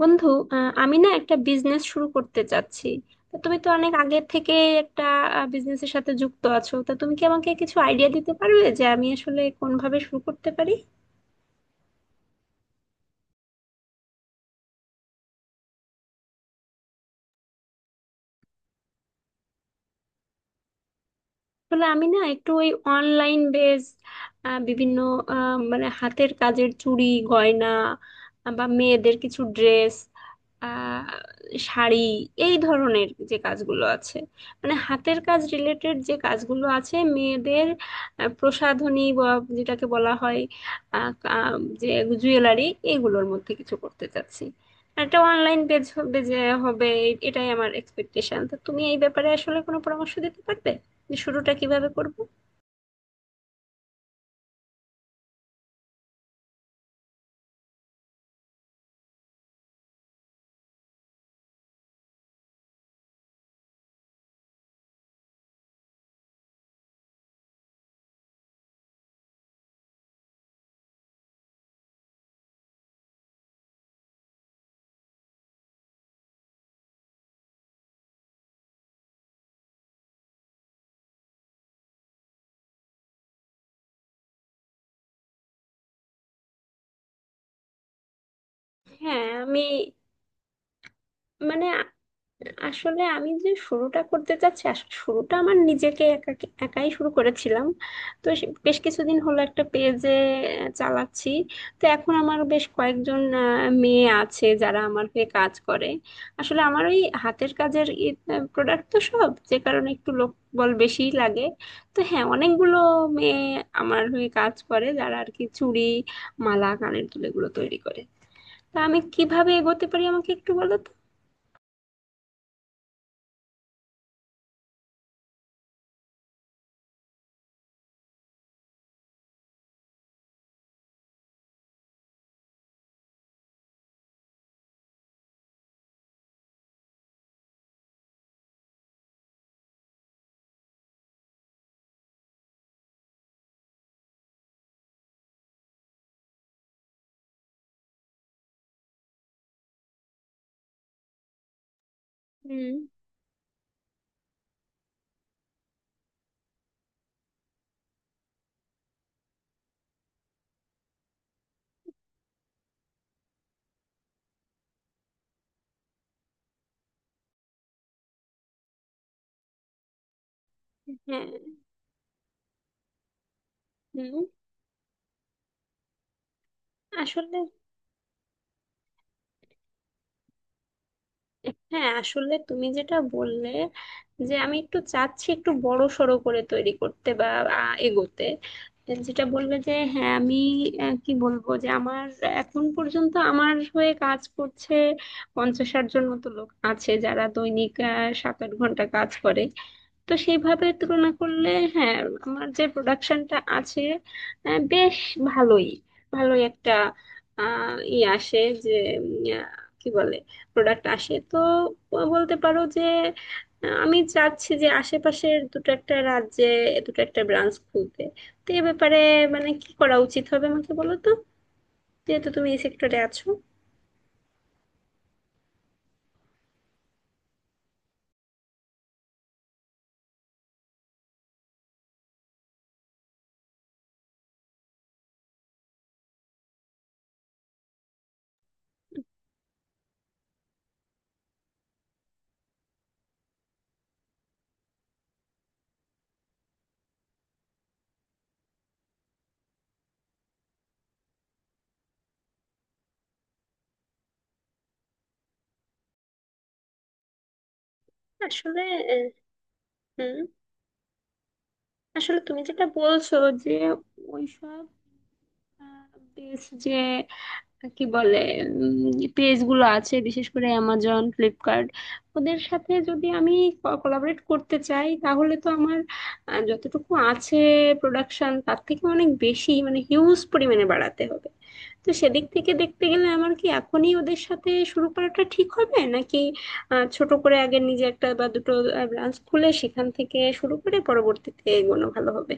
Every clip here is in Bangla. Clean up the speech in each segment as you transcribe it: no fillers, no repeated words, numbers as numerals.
বন্ধু, আমি না একটা বিজনেস শুরু করতে চাচ্ছি। তা তুমি তো অনেক আগে থেকে একটা বিজনেসের সাথে যুক্ত আছো, তা তুমি কি আমাকে কিছু আইডিয়া দিতে পারবে যে আমি আসলে কোনভাবে শুরু করতে পারি? আসলে আমি না একটু ওই অনলাইন বেস বিভিন্ন, মানে হাতের কাজের চুড়ি গয়না, বা মেয়েদের কিছু ড্রেস, শাড়ি, এই ধরনের যে কাজগুলো আছে, মানে হাতের কাজ রিলেটেড যে কাজগুলো আছে মেয়েদের, প্রসাধনী বা যেটাকে বলা হয়, আহ, আহ, যে জুয়েলারি, এইগুলোর মধ্যে কিছু করতে চাচ্ছি। একটা অনলাইন পেজ হবে, যে হবে, এটাই আমার এক্সপেকটেশন। তো তুমি এই ব্যাপারে আসলে কোনো পরামর্শ দিতে পারবে যে শুরুটা কিভাবে করব? হ্যাঁ, আমি। মানে আ- আসলে আমি যে শুরুটা করতে চাচ্ছি, আসলে শুরুটা আমার নিজেকে একা একাই শুরু করেছিলাম। তো বেশ কিছুদিন হলো একটা পেজে চালাচ্ছি। তো এখন আমার বেশ কয়েকজন মেয়ে আছে যারা আমার হয়ে কাজ করে। আসলে আমার ওই হাতের কাজের প্রোডাক্ট, তো সব যে কারণে একটু লোকবল বেশিই লাগে। তো হ্যাঁ, অনেকগুলো মেয়ে আমার হয়ে কাজ করে, যারা আর কি চুড়ি, মালা, কানের দুল এগুলো তৈরি করে। তা আমি কিভাবে এগোতে পারি, আমাকে একটু বলো তো? হুম। হ্যাঁ। হুম। আসলে। হ্যাঁ, আসলে তুমি যেটা বললে, যে আমি একটু চাচ্ছি একটু বড় সড়ো করে তৈরি করতে বা আ, এগোতে, যেটা বললে যে হ্যাঁ আমি, কি বলবো, যে আমার এখন পর্যন্ত আমার হয়ে কাজ করছে 50-60 জন মতো লোক আছে, যারা দৈনিক 7-8 ঘন্টা কাজ করে। তো সেইভাবে তুলনা করলে, হ্যাঁ, আমার যে প্রোডাকশনটা আছে, বেশ ভালোই ভালোই একটা ই আসে, যে উম, আহ, কি বলে, প্রোডাক্ট আসে। তো বলতে পারো যে আমি চাচ্ছি যে আশেপাশের দুটো একটা রাজ্যে দুটো একটা ব্রাঞ্চ খুলতে। তো এ ব্যাপারে মানে কি করা উচিত হবে আমাকে বলো তো, যেহেতু তুমি এই সেক্টরে আছো? আসলে। আহ, হুম। আসলে তুমি যেটা বলছো, যে ওইসব, বেশ, যে কি বলে, পেজ গুলো আছে, বিশেষ করে অ্যামাজন, ফ্লিপকার্ট, ওদের সাথে যদি আমি কোলাবরেট করতে চাই তাহলে তো আমার যতটুকু আছে প্রোডাকশন, তার থেকে অনেক বেশি মানে হিউজ পরিমাণে বাড়াতে হবে। তো সেদিক থেকে দেখতে গেলে আমার কি এখনই ওদের সাথে শুরু করাটা ঠিক হবে, নাকি ছোট করে আগে নিজে একটা বা দুটো ব্রাঞ্চ খুলে সেখান থেকে শুরু করে পরবর্তীতে এগোনো ভালো হবে?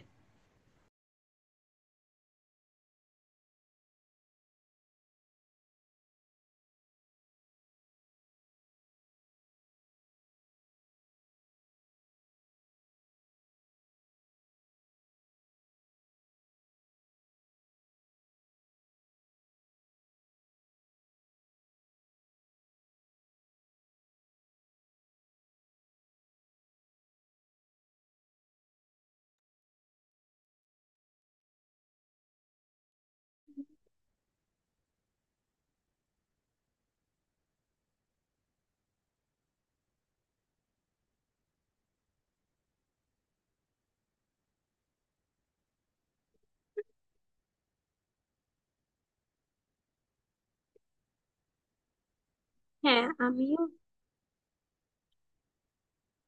হ্যাঁ, আমিও।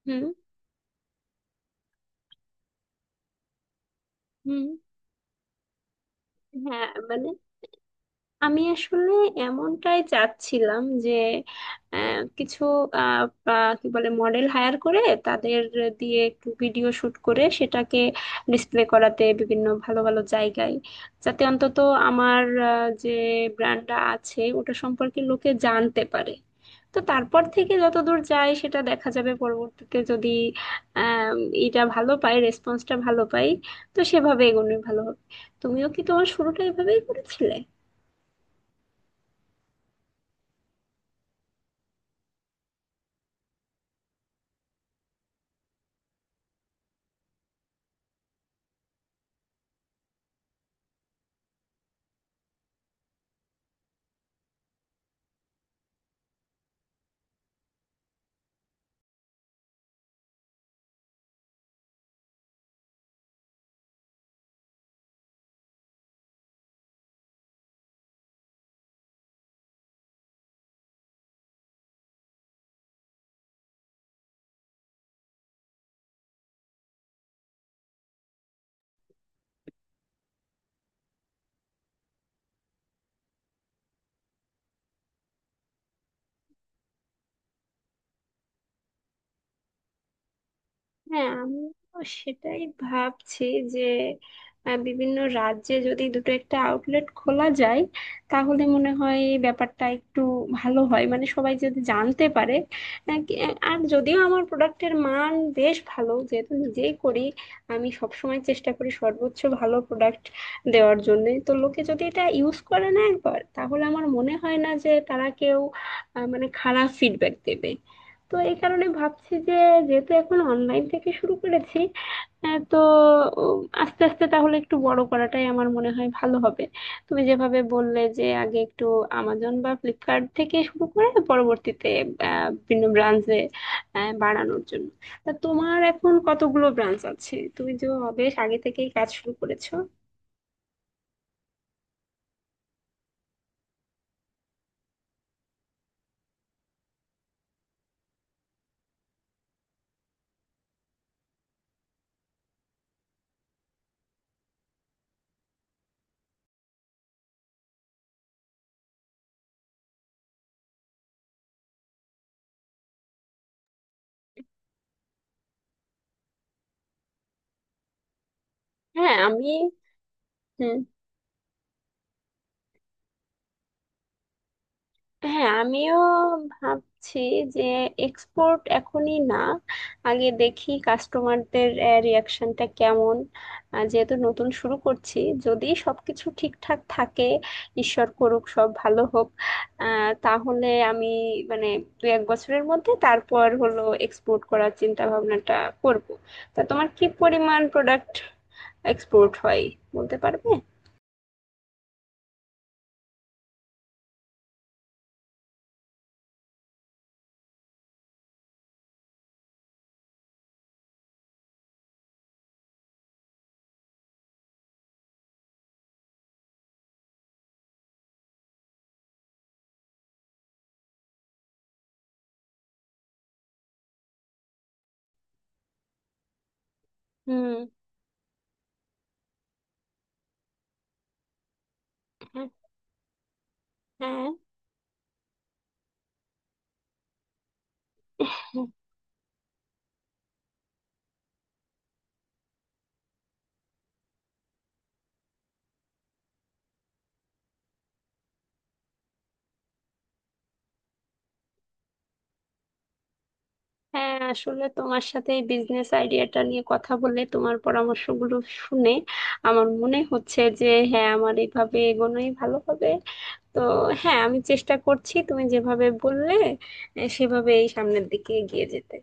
হুম। হুম। হ্যাঁ, মানে আমি আসলে এমনটাই চাচ্ছিলাম যে কিছু আহ, বা- কি বলে মডেল হায়ার করে তাদের দিয়ে একটু ভিডিও শুট করে সেটাকে ডিসপ্লে করাতে বিভিন্ন ভালো ভালো জায়গায়, যাতে অন্তত আমার যে ব্র্যান্ডটা আছে ওটা সম্পর্কে লোকে জানতে পারে। তো তারপর থেকে যতদূর যায় সেটা দেখা যাবে, পরবর্তীতে যদি আহ এটা ভালো পাই, রেসপন্সটা ভালো পাই, তো সেভাবে এগোনোই ভালো হবে। তুমিও কি তোমার শুরুটা এভাবেই করেছিলে? হ্যাঁ, আমি সেটাই ভাবছি, যে বিভিন্ন রাজ্যে যদি দুটো একটা আউটলেট খোলা যায় তাহলে মনে হয় এই ব্যাপারটা একটু ভালো হয়, মানে সবাই যদি জানতে পারে। আহ, কি- আর যদিও আমার প্রোডাক্টের মান বেশ ভালো, যেহেতু নিজেই করি। আমি সবসময় চেষ্টা করি সর্বোচ্চ ভালো প্রোডাক্ট দেওয়ার জন্য, তো লোকে যদি এটা ইউজ করে না একবার তাহলে আমার মনে হয় না যে তারা কেউ মানে খারাপ ফিডব্যাক দেবে। তো এই কারণে ভাবছি যে, যেহেতু এখন অনলাইন থেকে শুরু করেছি, তো আস্তে আস্তে তাহলে একটু বড় করাটাই আমার মনে হয় ভালো হবে। তুমি যেভাবে বললে যে আগে একটু আমাজন বা ফ্লিপকার্ট থেকে শুরু করে পরবর্তীতে বিভিন্ন ব্রাঞ্চে বাড়ানোর জন্য। তা তোমার এখন কতগুলো ব্রাঞ্চ আছে, তুমি যে বেশ আগে থেকেই কাজ শুরু করেছো? হ্যাঁ, আমি। হুম। হ্যাঁ, আমিও ভাবছি যে এক্সপোর্ট এখনই না, আগে দেখি কাস্টমারদের রিয়াকশনটা কেমন। যেহেতু নতুন শুরু করছি, যদি সবকিছু ঠিকঠাক থাকে, ঈশ্বর করুক সব ভালো হোক, তাহলে আমি মানে 1-2 বছরের মধ্যে তারপর হলো এক্সপোর্ট করার চিন্তা ভাবনাটা করব। তা তোমার কি পরিমাণ প্রোডাক্ট এক্সপোর্ট হয় বলতে পারবে? হুম। হ্যাঁ। হ্যাঁ। হ্যাঁ, আসলে তোমার সাথে এই বিজনেস আইডিয়াটা নিয়ে কথা বলে, তোমার পরামর্শগুলো শুনে আমার মনে হচ্ছে যে হ্যাঁ, আমার এইভাবে এগোনোই ভালো হবে। তো হ্যাঁ, আমি চেষ্টা করছি তুমি যেভাবে বললে সেভাবেই সামনের দিকে এগিয়ে যেতে।